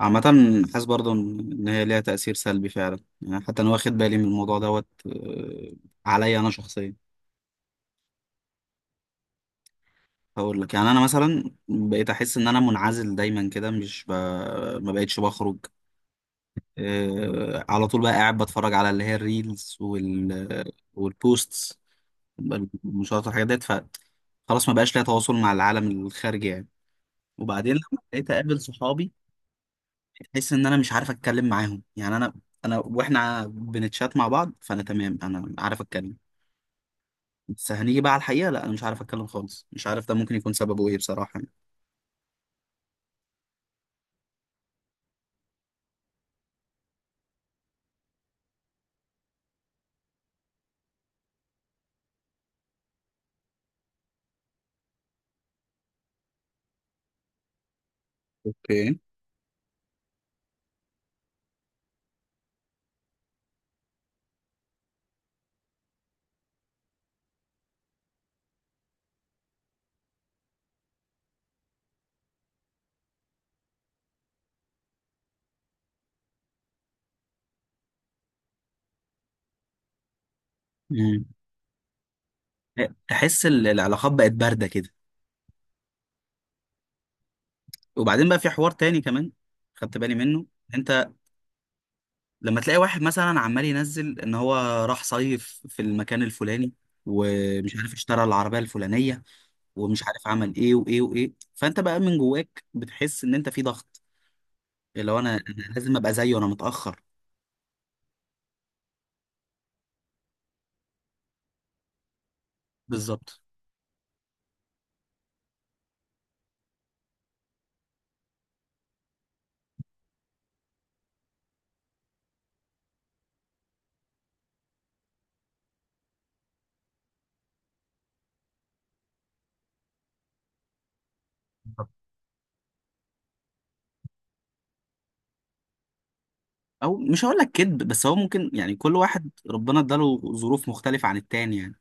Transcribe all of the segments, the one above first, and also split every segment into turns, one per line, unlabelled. عامة، حاسس برضه إن هي ليها تأثير سلبي فعلا، يعني حتى أنا واخد بالي من الموضوع دوت، عليا أنا شخصيا. هقول لك، يعني أنا مثلا بقيت أحس إن أنا منعزل دايما كده. مش ب... ما بقتش بخرج. على طول بقى قاعد بتفرج على اللي هي الريلز والبوستس، المشاهدات والحاجات ديت. ف خلاص ما بقاش ليا تواصل مع العالم الخارجي يعني. وبعدين لما بقيت أقابل صحابي، بحس ان انا مش عارف اتكلم معاهم. يعني انا واحنا بنتشات مع بعض فانا تمام، انا عارف اتكلم. بس هنيجي بقى على الحقيقه لا انا مش عارف اتكلم خالص، مش عارف ده ممكن يكون سببه ايه بصراحه يعني. اوكي. مم. تحس العلاقات بقت بارده كده. وبعدين بقى في حوار تاني كمان خدت بالي منه. انت لما تلاقي واحد مثلا عمال ينزل ان هو راح صيف في المكان الفلاني، ومش عارف اشترى العربيه الفلانيه، ومش عارف عمل ايه وايه وايه، فانت بقى من جواك بتحس ان انت في ضغط اللي هو انا، أنا لازم ابقى زيه، انا متاخر. بالظبط، بالظبط. او مش هقول لك كذب، بس هو ممكن، يعني كل واحد ربنا اداله ظروف مختلفه عن التاني يعني.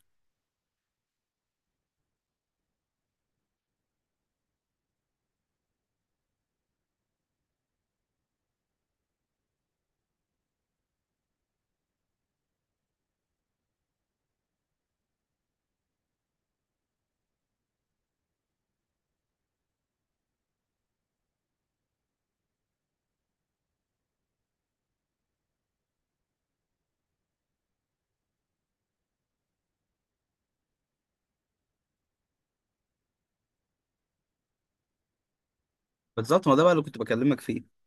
بالظبط، ما ده بقى اللي كنت بكلمك فيه.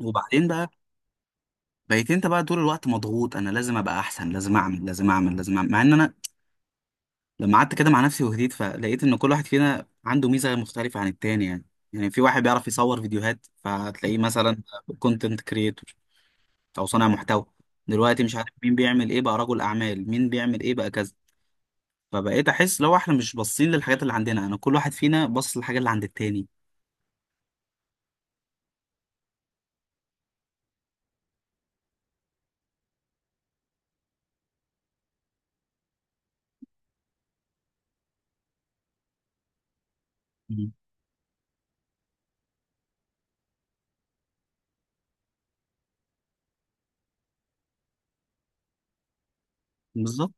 وبعدين بقى بقيت انت بقى طول الوقت مضغوط، انا لازم ابقى احسن، لازم اعمل، لازم اعمل، لازم اعمل، مع ان انا لما قعدت كده مع نفسي وهديت فلقيت ان كل واحد فينا عنده ميزه مختلفه عن التاني يعني. يعني في واحد بيعرف يصور فيديوهات فهتلاقيه مثلا كونتنت كريتور، او صانع محتوى. دلوقتي مش عارف مين بيعمل ايه بقى رجل اعمال، مين بيعمل ايه بقى كذا. فبقيت احس لو احنا مش باصين للحاجات اللي عندنا، انا كل واحد فينا باص للحاجه اللي عند التاني. مم. بالظبط.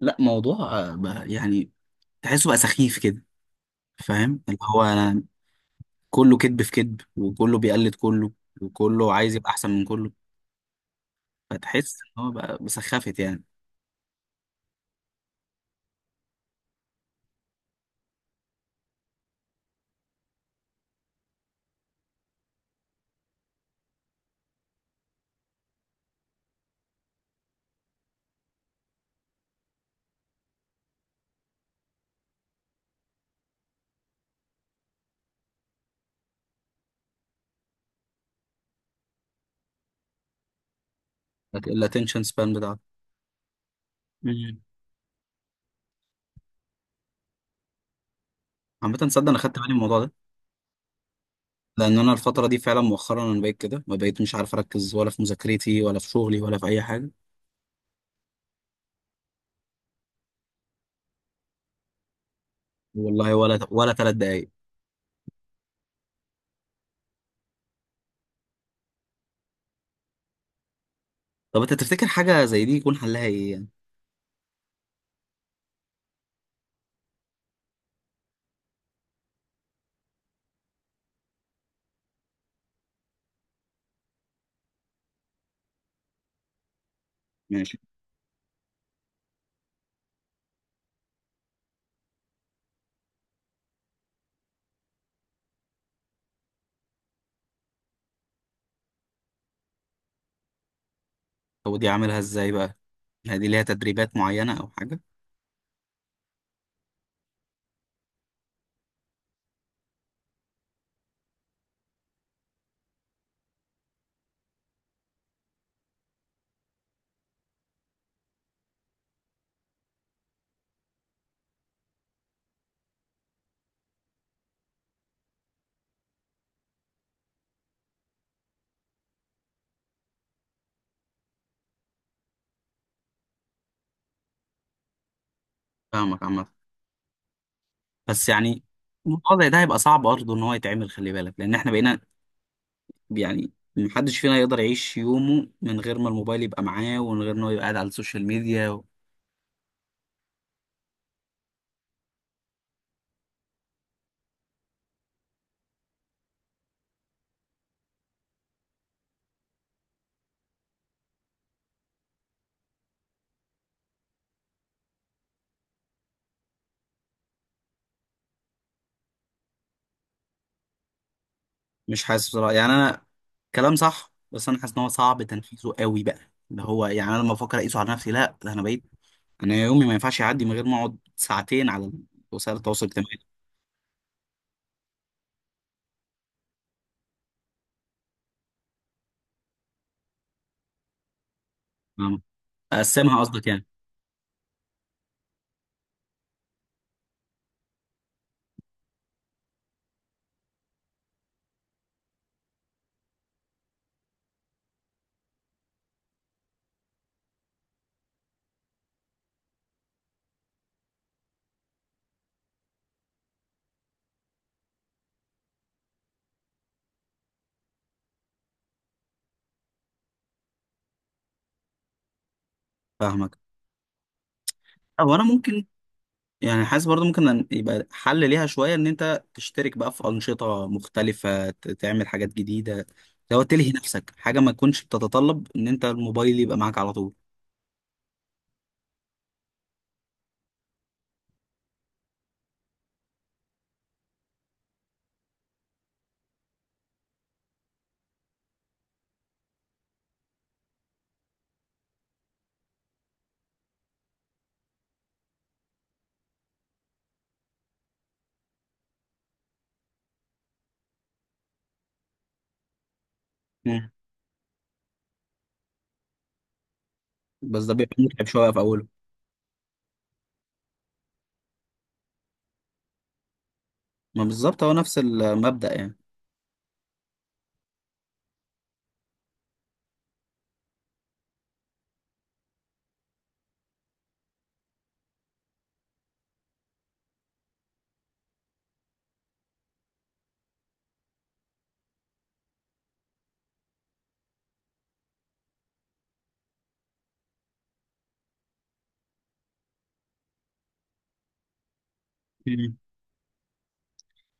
لا موضوع بقى، يعني تحسه بقى سخيف كده. فاهم اللي هو انا، كله كذب في كذب، وكله بيقلد كله، وكله عايز يبقى احسن من كله. فتحس ان هو بقى بسخافت يعني. الاتنشن سبان بتاعته. مم. عامة تصدق انا خدت بالي من الموضوع ده، لان انا الفترة دي فعلا مؤخرا انا بقيت كده، ما بقيت مش عارف اركز ولا في مذاكرتي ولا في شغلي ولا في اي حاجة. والله ولا ولا 3 دقايق. طب انت تفتكر حاجة زي دي يكون حلها ايه يعني؟ ماشي. هو دي عاملها ازاي بقى؟ هل دي ليها تدريبات معينة او حاجة؟ فاهمك. عامة بس يعني الموضوع زي ده هيبقى صعب برضه ان هو يتعمل، خلي بالك لان احنا بقينا، يعني محدش فينا يقدر يعيش يومه من غير ما الموبايل يبقى معاه، ومن غير ان هو يبقى قاعد على السوشيال ميديا و... مش حاسس بصراحة، يعني انا كلام صح بس انا حاسس ان هو صعب تنفيذه قوي بقى. اللي هو يعني انا لما افكر اقيسه على نفسي، لا ده انا بقيت، انا يومي ما ينفعش يعدي من غير ما اقعد ساعتين على وسائل التواصل الاجتماعي. فاهم؟ اقسمها قصدك يعني؟ فاهمك. هو انا ممكن، يعني حاسس برضو ممكن يبقى حل ليها شويه، ان انت تشترك بقى في انشطه مختلفه، تعمل حاجات جديده. لو تلهي نفسك حاجه ما تكونش بتتطلب ان انت الموبايل يبقى معاك على طول. مم. بس ده بيبقى متعب شويه في اوله. ما بالظبط، هو نفس المبدا يعني. مم.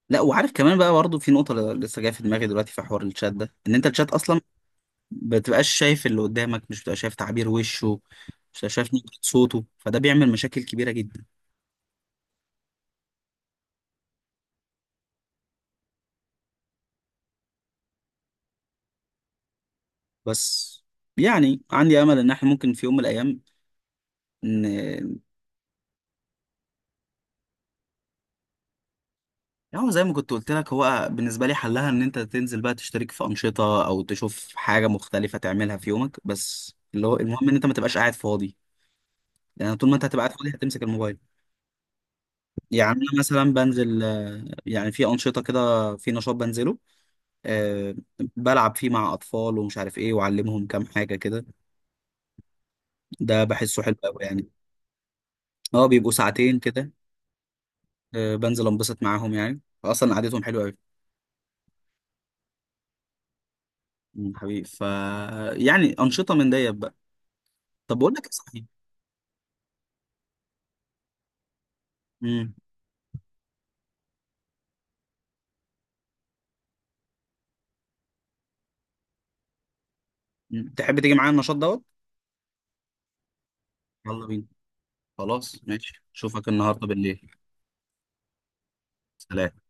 لا وعارف كمان بقى برضو في نقطه لسه جايه في دماغي دلوقتي، في حوار الشات ده ان انت الشات اصلا بتبقاش شايف اللي قدامك، مش بتبقى شايف تعبير وشه، مش بتبقى شايف نبرة صوته، فده بيعمل مشاكل كبيره جدا. بس يعني عندي امل ان احنا ممكن في يوم من الايام. ان هو زي ما كنت قلت لك، هو بالنسبه لي حلها ان انت تنزل بقى تشترك في انشطه او تشوف حاجه مختلفه تعملها في يومك، بس اللي هو المهم ان انت ما تبقاش قاعد فاضي. لان طول ما انت هتبقى قاعد فاضي هتمسك الموبايل. يعني انا مثلا بنزل، يعني في انشطه كده، في نشاط بنزله، أه بلعب فيه مع اطفال ومش عارف ايه، واعلمهم كام حاجه كده. ده بحسه حلو قوي يعني. اه بيبقوا ساعتين كده. أه بنزل انبسط معاهم، يعني اصلا قعدتهم حلوه قوي. مم، حبيبي. ف يعني أنشطة من ديت بقى. طب بقول لك إيه صحيح. مم. مم. تحب تيجي معايا النشاط دوت؟ يلا بينا. خلاص ماشي، اشوفك النهارده بالليل. سلام